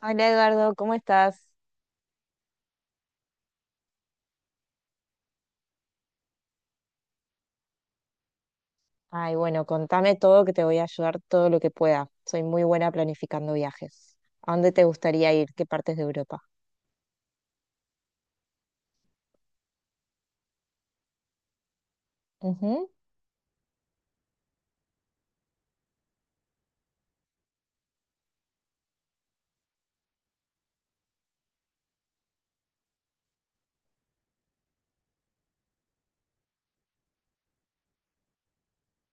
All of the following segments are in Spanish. Hola Eduardo, ¿cómo estás? Ay, bueno, contame todo que te voy a ayudar todo lo que pueda. Soy muy buena planificando viajes. ¿A dónde te gustaría ir? ¿Qué partes de Europa? Ujú.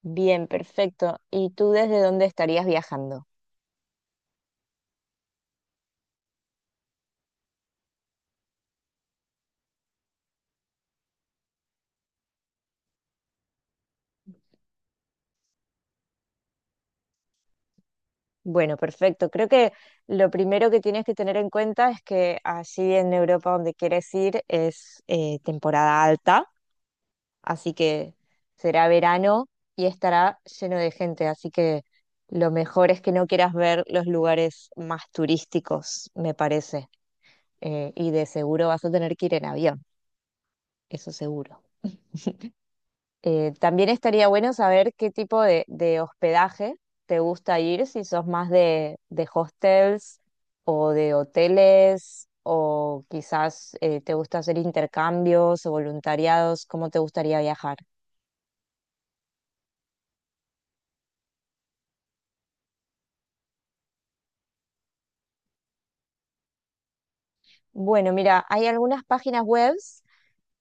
Bien, perfecto. ¿Y tú desde dónde estarías viajando? Bueno, perfecto. Creo que lo primero que tienes que tener en cuenta es que allí en Europa donde quieres ir es temporada alta. Así que será verano y estará lleno de gente. Así que lo mejor es que no quieras ver los lugares más turísticos, me parece. Y de seguro vas a tener que ir en avión, eso seguro. También estaría bueno saber qué tipo de hospedaje te gusta ir, si sos más de hostels o de hoteles, o quizás te gusta hacer intercambios o voluntariados, ¿cómo te gustaría viajar? Bueno, mira, hay algunas páginas webs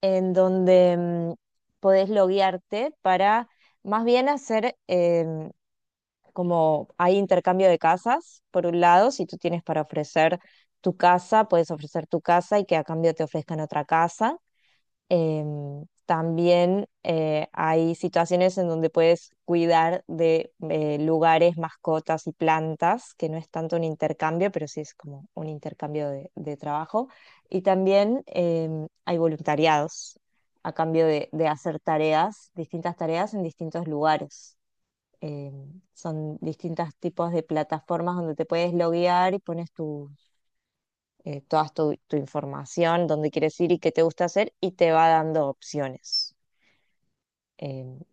en donde podés loguearte para más bien hacer em, como hay intercambio de casas, por un lado, si tú tienes para ofrecer tu casa, puedes ofrecer tu casa y que a cambio te ofrezcan otra casa. También hay situaciones en donde puedes cuidar de lugares, mascotas y plantas, que no es tanto un intercambio, pero sí es como un intercambio de trabajo. Y también hay voluntariados a cambio de hacer tareas, distintas tareas en distintos lugares. Son distintos tipos de plataformas donde te puedes loguear y pones toda tu, tu información, dónde quieres ir y qué te gusta hacer, y te va dando opciones. Eh,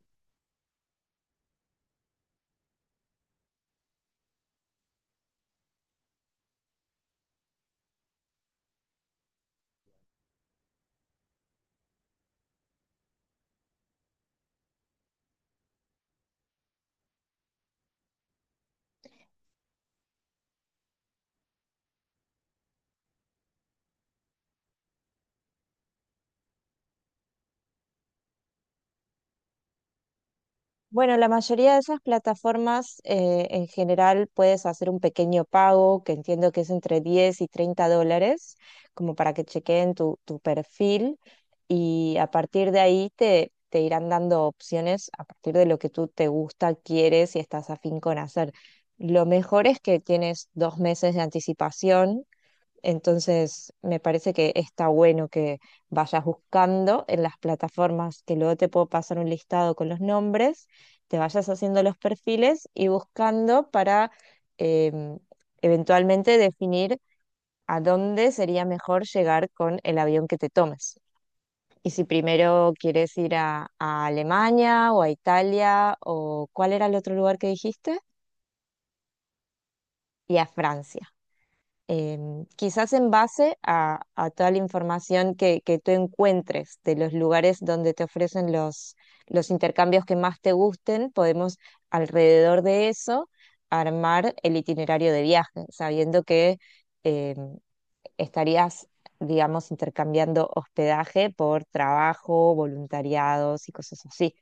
bueno, la mayoría de esas plataformas en general puedes hacer un pequeño pago, que entiendo que es entre $10 y $30, como para que chequeen tu, tu perfil y a partir de ahí te, te irán dando opciones a partir de lo que tú te gusta, quieres y estás afín con hacer. Lo mejor es que tienes 2 meses de anticipación. Entonces, me parece que está bueno que vayas buscando en las plataformas, que luego te puedo pasar un listado con los nombres, te vayas haciendo los perfiles y buscando para em, eventualmente definir a dónde sería mejor llegar con el avión que te tomes. Y si primero quieres ir a Alemania o a Italia o cuál era el otro lugar que dijiste, y a Francia. Quizás en base a toda la información que tú encuentres de los lugares donde te ofrecen los intercambios que más te gusten, podemos alrededor de eso armar el itinerario de viaje, sabiendo que em, estarías, digamos, intercambiando hospedaje por trabajo, voluntariados y cosas así.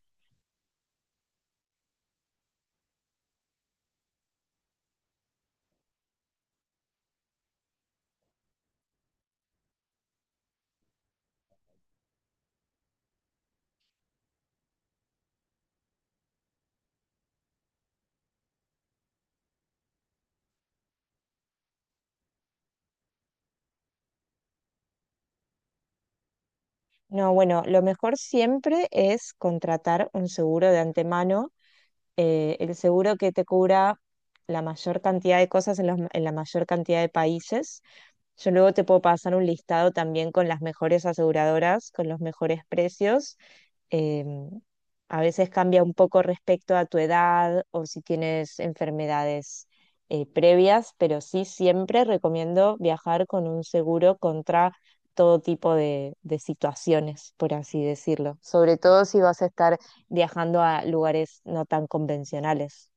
No, bueno, lo mejor siempre es contratar un seguro de antemano, el seguro que te cubra la mayor cantidad de cosas en, los- en la mayor cantidad de países. Yo luego te puedo pasar un listado también con las mejores aseguradoras, con los mejores precios. Em, a veces cambia un poco respecto a tu edad o si tienes enfermedades previas, pero sí siempre recomiendo viajar con un seguro contra todo tipo de situaciones, por así decirlo. Sobre todo si vas a estar viajando a lugares no tan convencionales.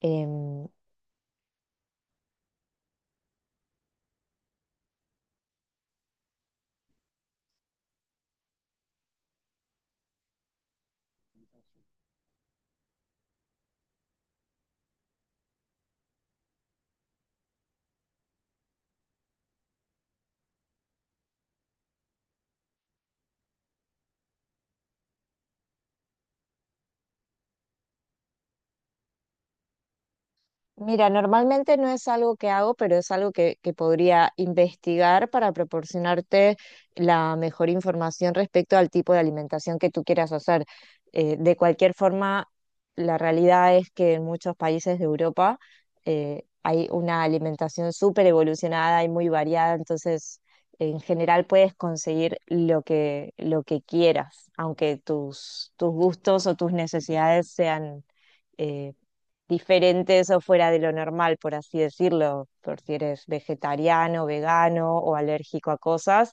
Em, Mira, normalmente no es algo que hago, pero es algo que podría investigar para proporcionarte la mejor información respecto al tipo de alimentación que tú quieras hacer. De cualquier forma, la realidad es que en muchos países de Europa hay una alimentación súper evolucionada y muy variada, entonces en general puedes conseguir lo que quieras, aunque tus, tus gustos o tus necesidades sean... eh, diferentes o fuera de lo normal, por así decirlo, por si eres vegetariano, vegano o alérgico a cosas,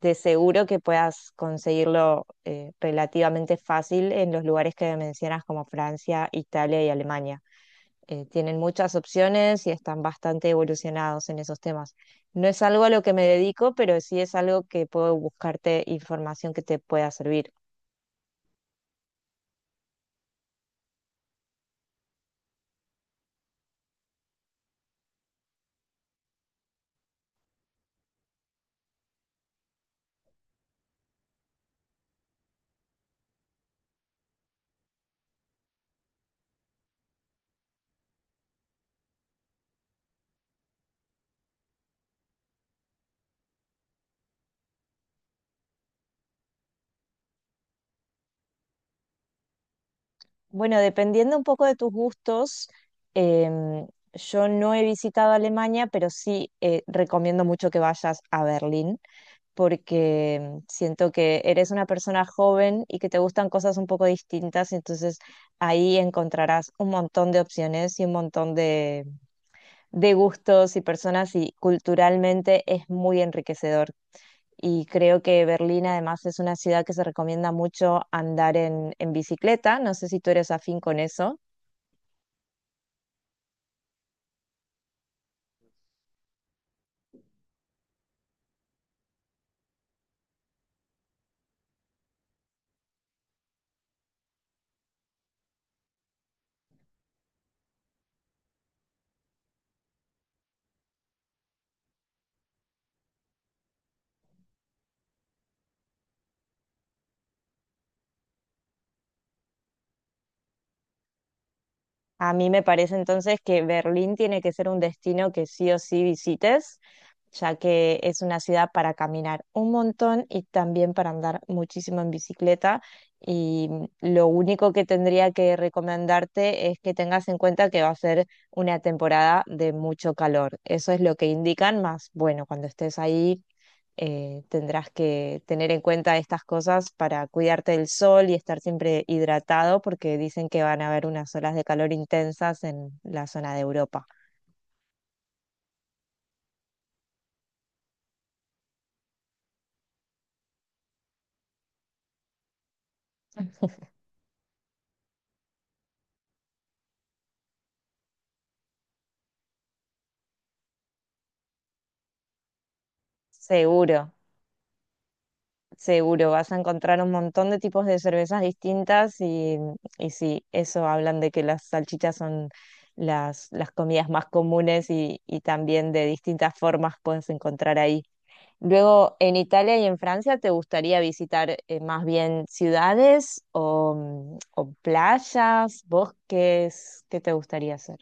de seguro que puedas conseguirlo relativamente fácil en los lugares que mencionas como Francia, Italia y Alemania. Tienen muchas opciones y están bastante evolucionados en esos temas. No es algo a lo que me dedico, pero sí es algo que puedo buscarte información que te pueda servir. Bueno, dependiendo un poco de tus gustos, em, yo no he visitado Alemania, pero sí recomiendo mucho que vayas a Berlín, porque siento que eres una persona joven y que te gustan cosas un poco distintas, entonces ahí encontrarás un montón de opciones y un montón de gustos y personas y culturalmente es muy enriquecedor. Y creo que Berlín además es una ciudad que se recomienda mucho andar en bicicleta. No sé si tú eres afín con eso. A mí me parece entonces que Berlín tiene que ser un destino que sí o sí visites, ya que es una ciudad para caminar un montón y también para andar muchísimo en bicicleta. Y lo único que tendría que recomendarte es que tengas en cuenta que va a ser una temporada de mucho calor. Eso es lo que indican, más bueno, cuando estés ahí tendrás que tener en cuenta estas cosas para cuidarte del sol y estar siempre hidratado porque dicen que van a haber unas olas de calor intensas en la zona de Europa. Seguro, seguro, vas a encontrar un montón de tipos de cervezas distintas y sí, eso hablan de que las salchichas son las comidas más comunes y también de distintas formas puedes encontrar ahí. Luego, en Italia y en Francia, ¿te gustaría visitar más bien ciudades o, o playas, bosques? ¿Qué te gustaría hacer?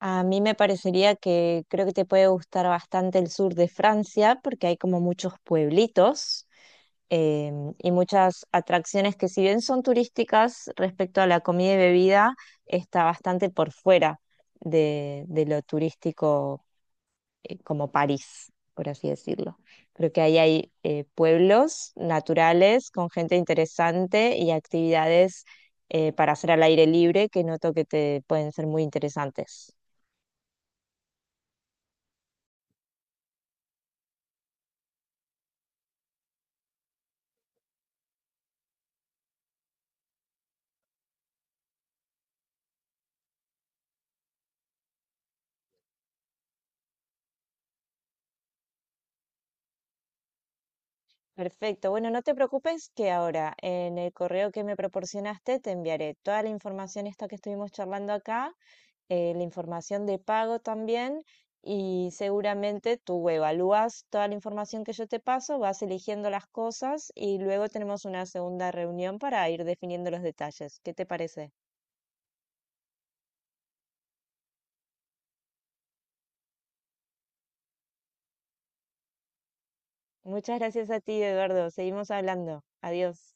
A mí me parecería que creo que te puede gustar bastante el sur de Francia porque hay como muchos pueblitos eh, y muchas atracciones que si bien son turísticas respecto a la comida y bebida, está bastante por fuera de lo turístico como París, por así decirlo. Creo que ahí hay pueblos naturales con gente interesante y actividades para hacer al aire libre que noto que te pueden ser muy interesantes. Perfecto. Bueno, no te preocupes que ahora en el correo que me proporcionaste te enviaré toda la información esta que estuvimos charlando acá, la información de pago también, y seguramente tú evalúas toda la información que yo te paso, vas eligiendo las cosas y luego tenemos una segunda reunión para ir definiendo los detalles. ¿Qué te parece? Muchas gracias a ti, Eduardo. Seguimos hablando. Adiós.